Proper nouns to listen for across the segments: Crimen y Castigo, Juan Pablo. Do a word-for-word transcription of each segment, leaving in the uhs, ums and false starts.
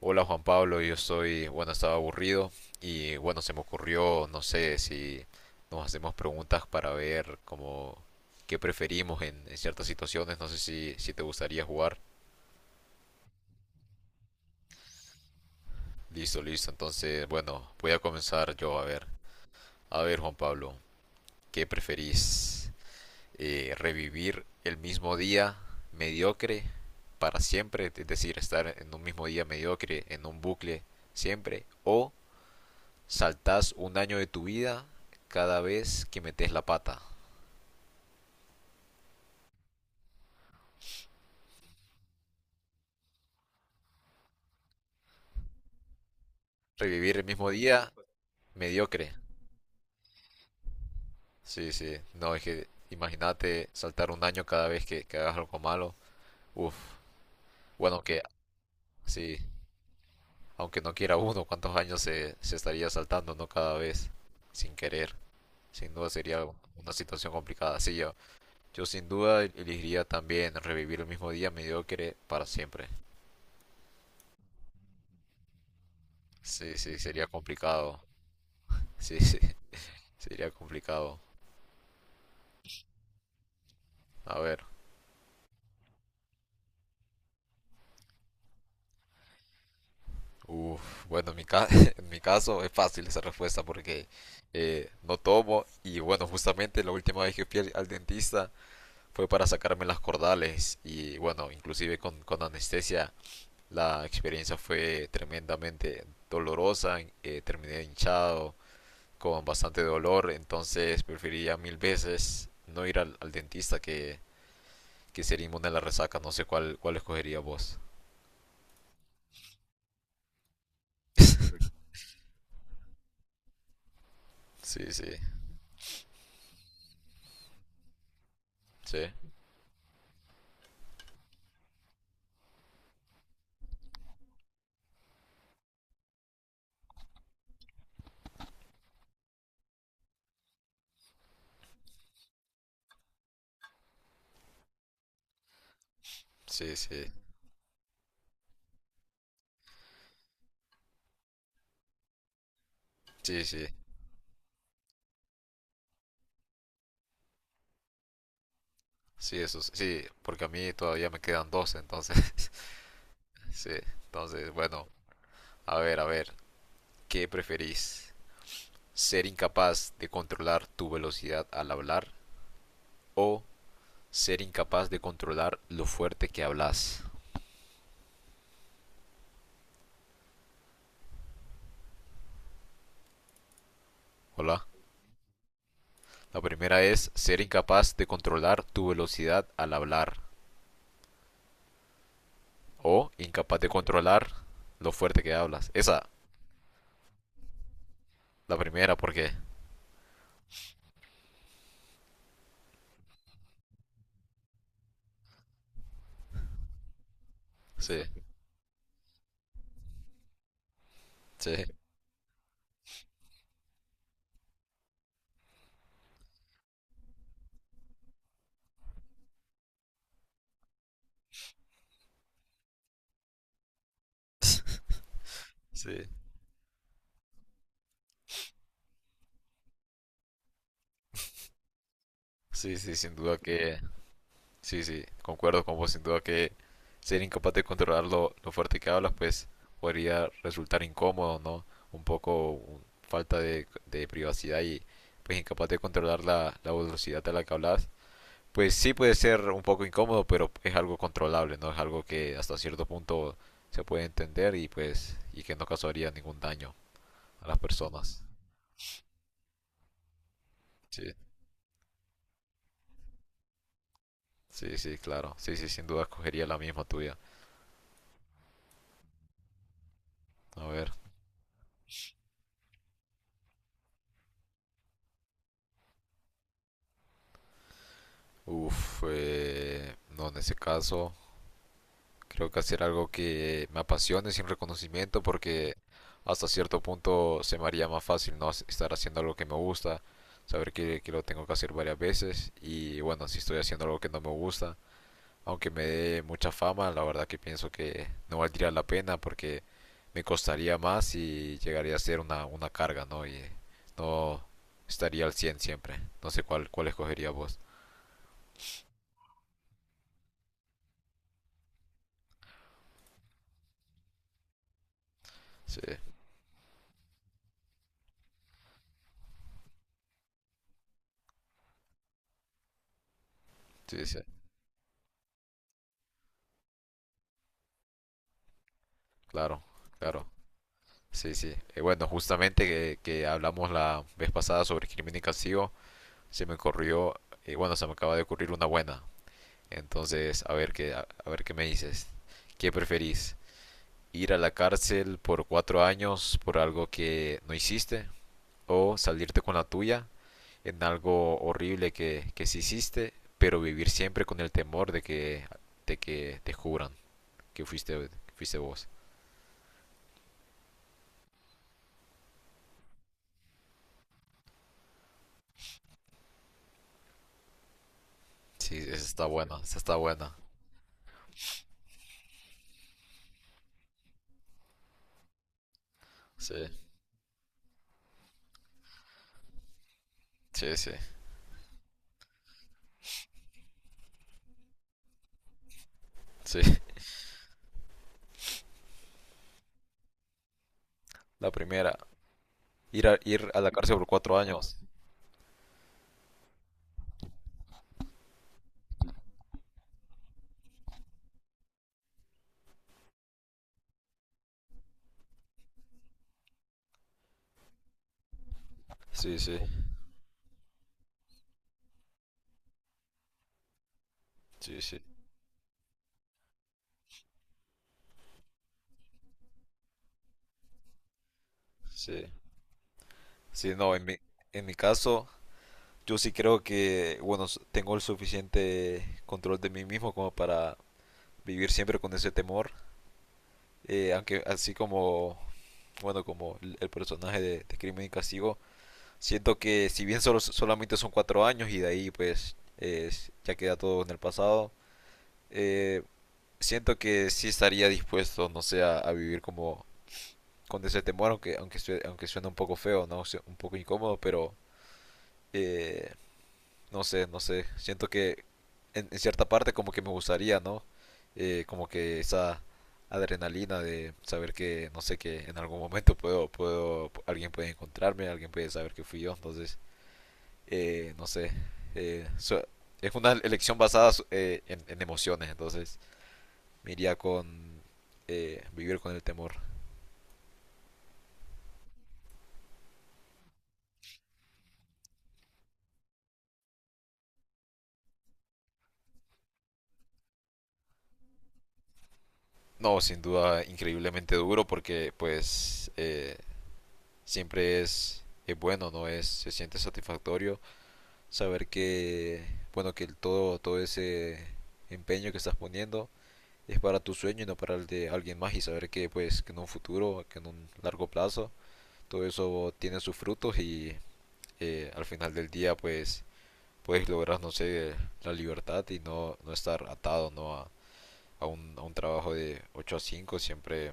Hola Juan Pablo, yo estoy, bueno, estaba aburrido y bueno, se me ocurrió, no sé si nos hacemos preguntas para ver como qué preferimos en, en ciertas situaciones, no sé si, si te gustaría jugar. Listo, listo, entonces bueno, voy a comenzar yo a ver. A ver Juan Pablo, ¿qué preferís? Eh, ¿revivir el mismo día mediocre para siempre? Es decir, estar en un mismo día mediocre, en un bucle siempre, o Saltás un año de tu vida cada vez que metes la pata. Revivir el mismo día, mediocre. Sí, sí. No, es que imagínate saltar un año cada vez que, que hagas algo malo. Uf. Bueno, que sí. Aunque no quiera uno, ¿cuántos años se, se estaría saltando, no? Cada vez. Sin querer. Sin duda sería una situación complicada. Sí, yo, yo sin duda elegiría también revivir el mismo día mediocre para siempre. Sí, sí, sería complicado. Sí, sí, sería complicado. A ver, uf, bueno, en mi ca- en mi caso es fácil esa respuesta porque eh, no tomo y bueno, justamente la última vez que fui al, al dentista fue para sacarme las cordales y bueno, inclusive con, con anestesia la experiencia fue tremendamente dolorosa, eh, terminé hinchado con bastante dolor, entonces preferiría mil veces no ir al, al dentista que, que ser inmune a la resaca, no sé cuál, cuál escogería vos. Sí, sí, sí, sí, sí, sí, sí. Sí, eso s- sí, porque a mí todavía me quedan dos, entonces, sí, entonces, bueno, a ver, a ver, ¿qué preferís? ¿Ser incapaz de controlar tu velocidad al hablar o ser incapaz de controlar lo fuerte que hablas? Hola. La primera es ser incapaz de controlar tu velocidad al hablar o incapaz de controlar lo fuerte que hablas. Esa, la primera, porque sí, sí, sí, sí, sí, sin duda que. Sí, sí, concuerdo con vos, sin duda que ser incapaz de controlar lo, lo fuerte que hablas, pues podría resultar incómodo, ¿no? Un poco un- falta de, de privacidad y pues incapaz de controlar la, la velocidad a la que hablas, pues sí puede ser un poco incómodo, pero es algo controlable, ¿no? Es algo que hasta cierto punto se puede entender y pues y que no causaría ningún daño a las personas. Sí, sí, sí, claro. Sí, sí, sin duda escogería la misma tuya. A ver. Uf, eh, no, en ese caso. Creo que hacer algo que me apasione sin reconocimiento porque hasta cierto punto se me haría más fácil no Hac- estar haciendo algo que me gusta, saber que, que lo tengo que hacer varias veces y bueno, si estoy haciendo algo que no me gusta, aunque me dé mucha fama, la verdad que pienso que no valdría la pena porque me costaría más y llegaría a ser una, una carga, ¿no? Y no estaría al cien siempre. No sé cuál, cuál escogería vos. Sí, sí, sí, claro, claro. Sí, sí. Eh, bueno, justamente que, que hablamos la vez pasada sobre Crimen y Castigo, se me ocurrió, eh, bueno, se me acaba de ocurrir una buena. Entonces, a ver qué, a, a ver qué me dices. ¿Qué preferís? ¿Ir a la cárcel por cuatro años por algo que no hiciste? ¿O salirte con la tuya en algo horrible que, que sí hiciste, pero vivir siempre con el temor de que, de que te juzgan que fuiste, que fuiste vos? Sí, esa está buena, esa está buena. Sí, sí, sí, sí. La primera. Ir a, ir a la cárcel por cuatro años. Sí, sí, sí, sí, sí. Sí, no, en mi, en mi caso, yo sí creo que, bueno, s- tengo el suficiente control de mí mismo como para vivir siempre con ese temor. Eh, aunque así como, bueno, como el, el personaje de, de Crimen y Castigo, siento que si bien solo, solamente son cuatro años y de ahí pues es- ya queda todo en el pasado, eh, siento que sí estaría dispuesto, no sé, a, a vivir como con ese temor, aunque, aunque, sue- aunque suena un poco feo, ¿no? Su- Un poco incómodo, pero eh, no sé, no sé. Siento que en, en cierta parte como que me gustaría, ¿no? Eh, como que esa adrenalina de saber que, no sé, que en algún momento puedo, puedo, alguien puede encontrarme, alguien puede saber que fui yo, entonces, eh, no sé. eh, su- es una elección basada eh, en, en emociones, entonces me iría con eh, vivir con el temor. No, sin duda, increíblemente duro porque pues eh, siempre es, es bueno, ¿no? Es, se siente satisfactorio saber que, bueno, que el todo, todo ese empeño que estás poniendo es para tu sueño y no para el de alguien más y saber que pues que en un futuro, que en un largo plazo, todo eso tiene sus frutos y eh, al final del día pues puedes lograr, no sé, la libertad y no, no estar atado, ¿no? A, a un, a un trabajo de ocho a cinco siempre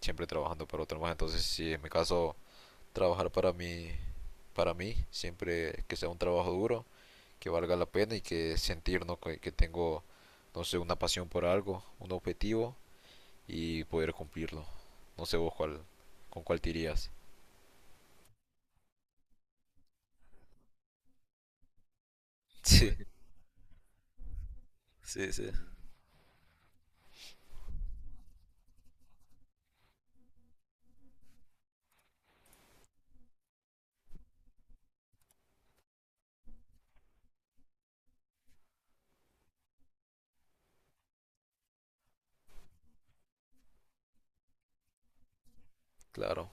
siempre trabajando para otro más. Entonces, si en mi caso trabajar para mí, para mí, siempre que sea un trabajo duro, que valga la pena y que sentir ¿no? que, que tengo, no sé, una pasión por algo, un objetivo y poder cumplirlo. No sé vos cuál, con cuál te irías. Sí, sí, sí. Claro,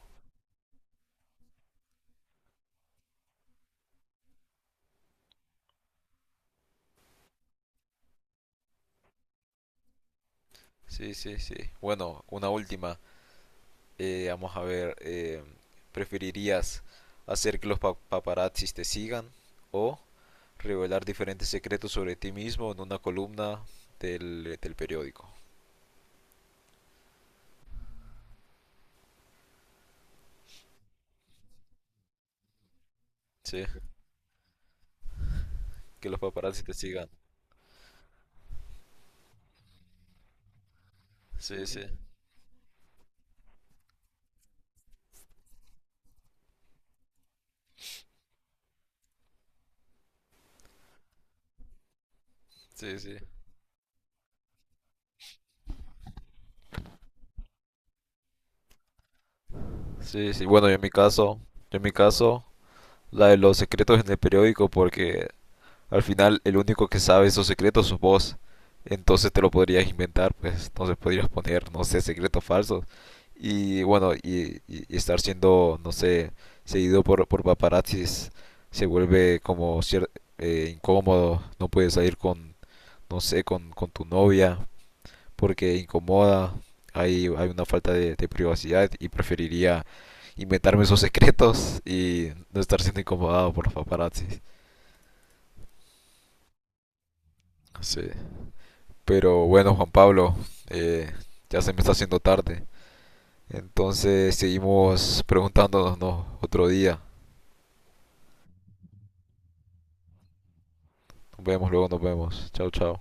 sí, sí, sí. Bueno, una última. Eh, vamos a ver, eh, ¿preferirías hacer que los pa- paparazzis te sigan o revelar diferentes secretos sobre ti mismo en una columna del, del periódico? Sí, que los paparazzi te sigan. Sí, sí, sí, sí. Sí, sí, bueno, yo en mi caso, yo en mi caso, la de los secretos en el periódico, porque al final, el único que sabe esos secretos sos vos. Entonces te lo podrías inventar, pues. Entonces podrías poner, no sé, secretos falsos. Y bueno, y, y- y estar siendo, no sé, seguido por, por paparazzis se vuelve como cier- eh, incómodo. No puedes salir con, no sé, con, con tu novia porque incomoda. Hay, hay una falta de, de privacidad y preferiría inventarme esos secretos y no estar siendo incomodado por los paparazzis. Sí. Pero bueno, Juan Pablo, eh, ya se me está haciendo tarde. Entonces seguimos preguntándonos ¿no? otro día. Nos vemos, luego nos vemos. Chao, chao.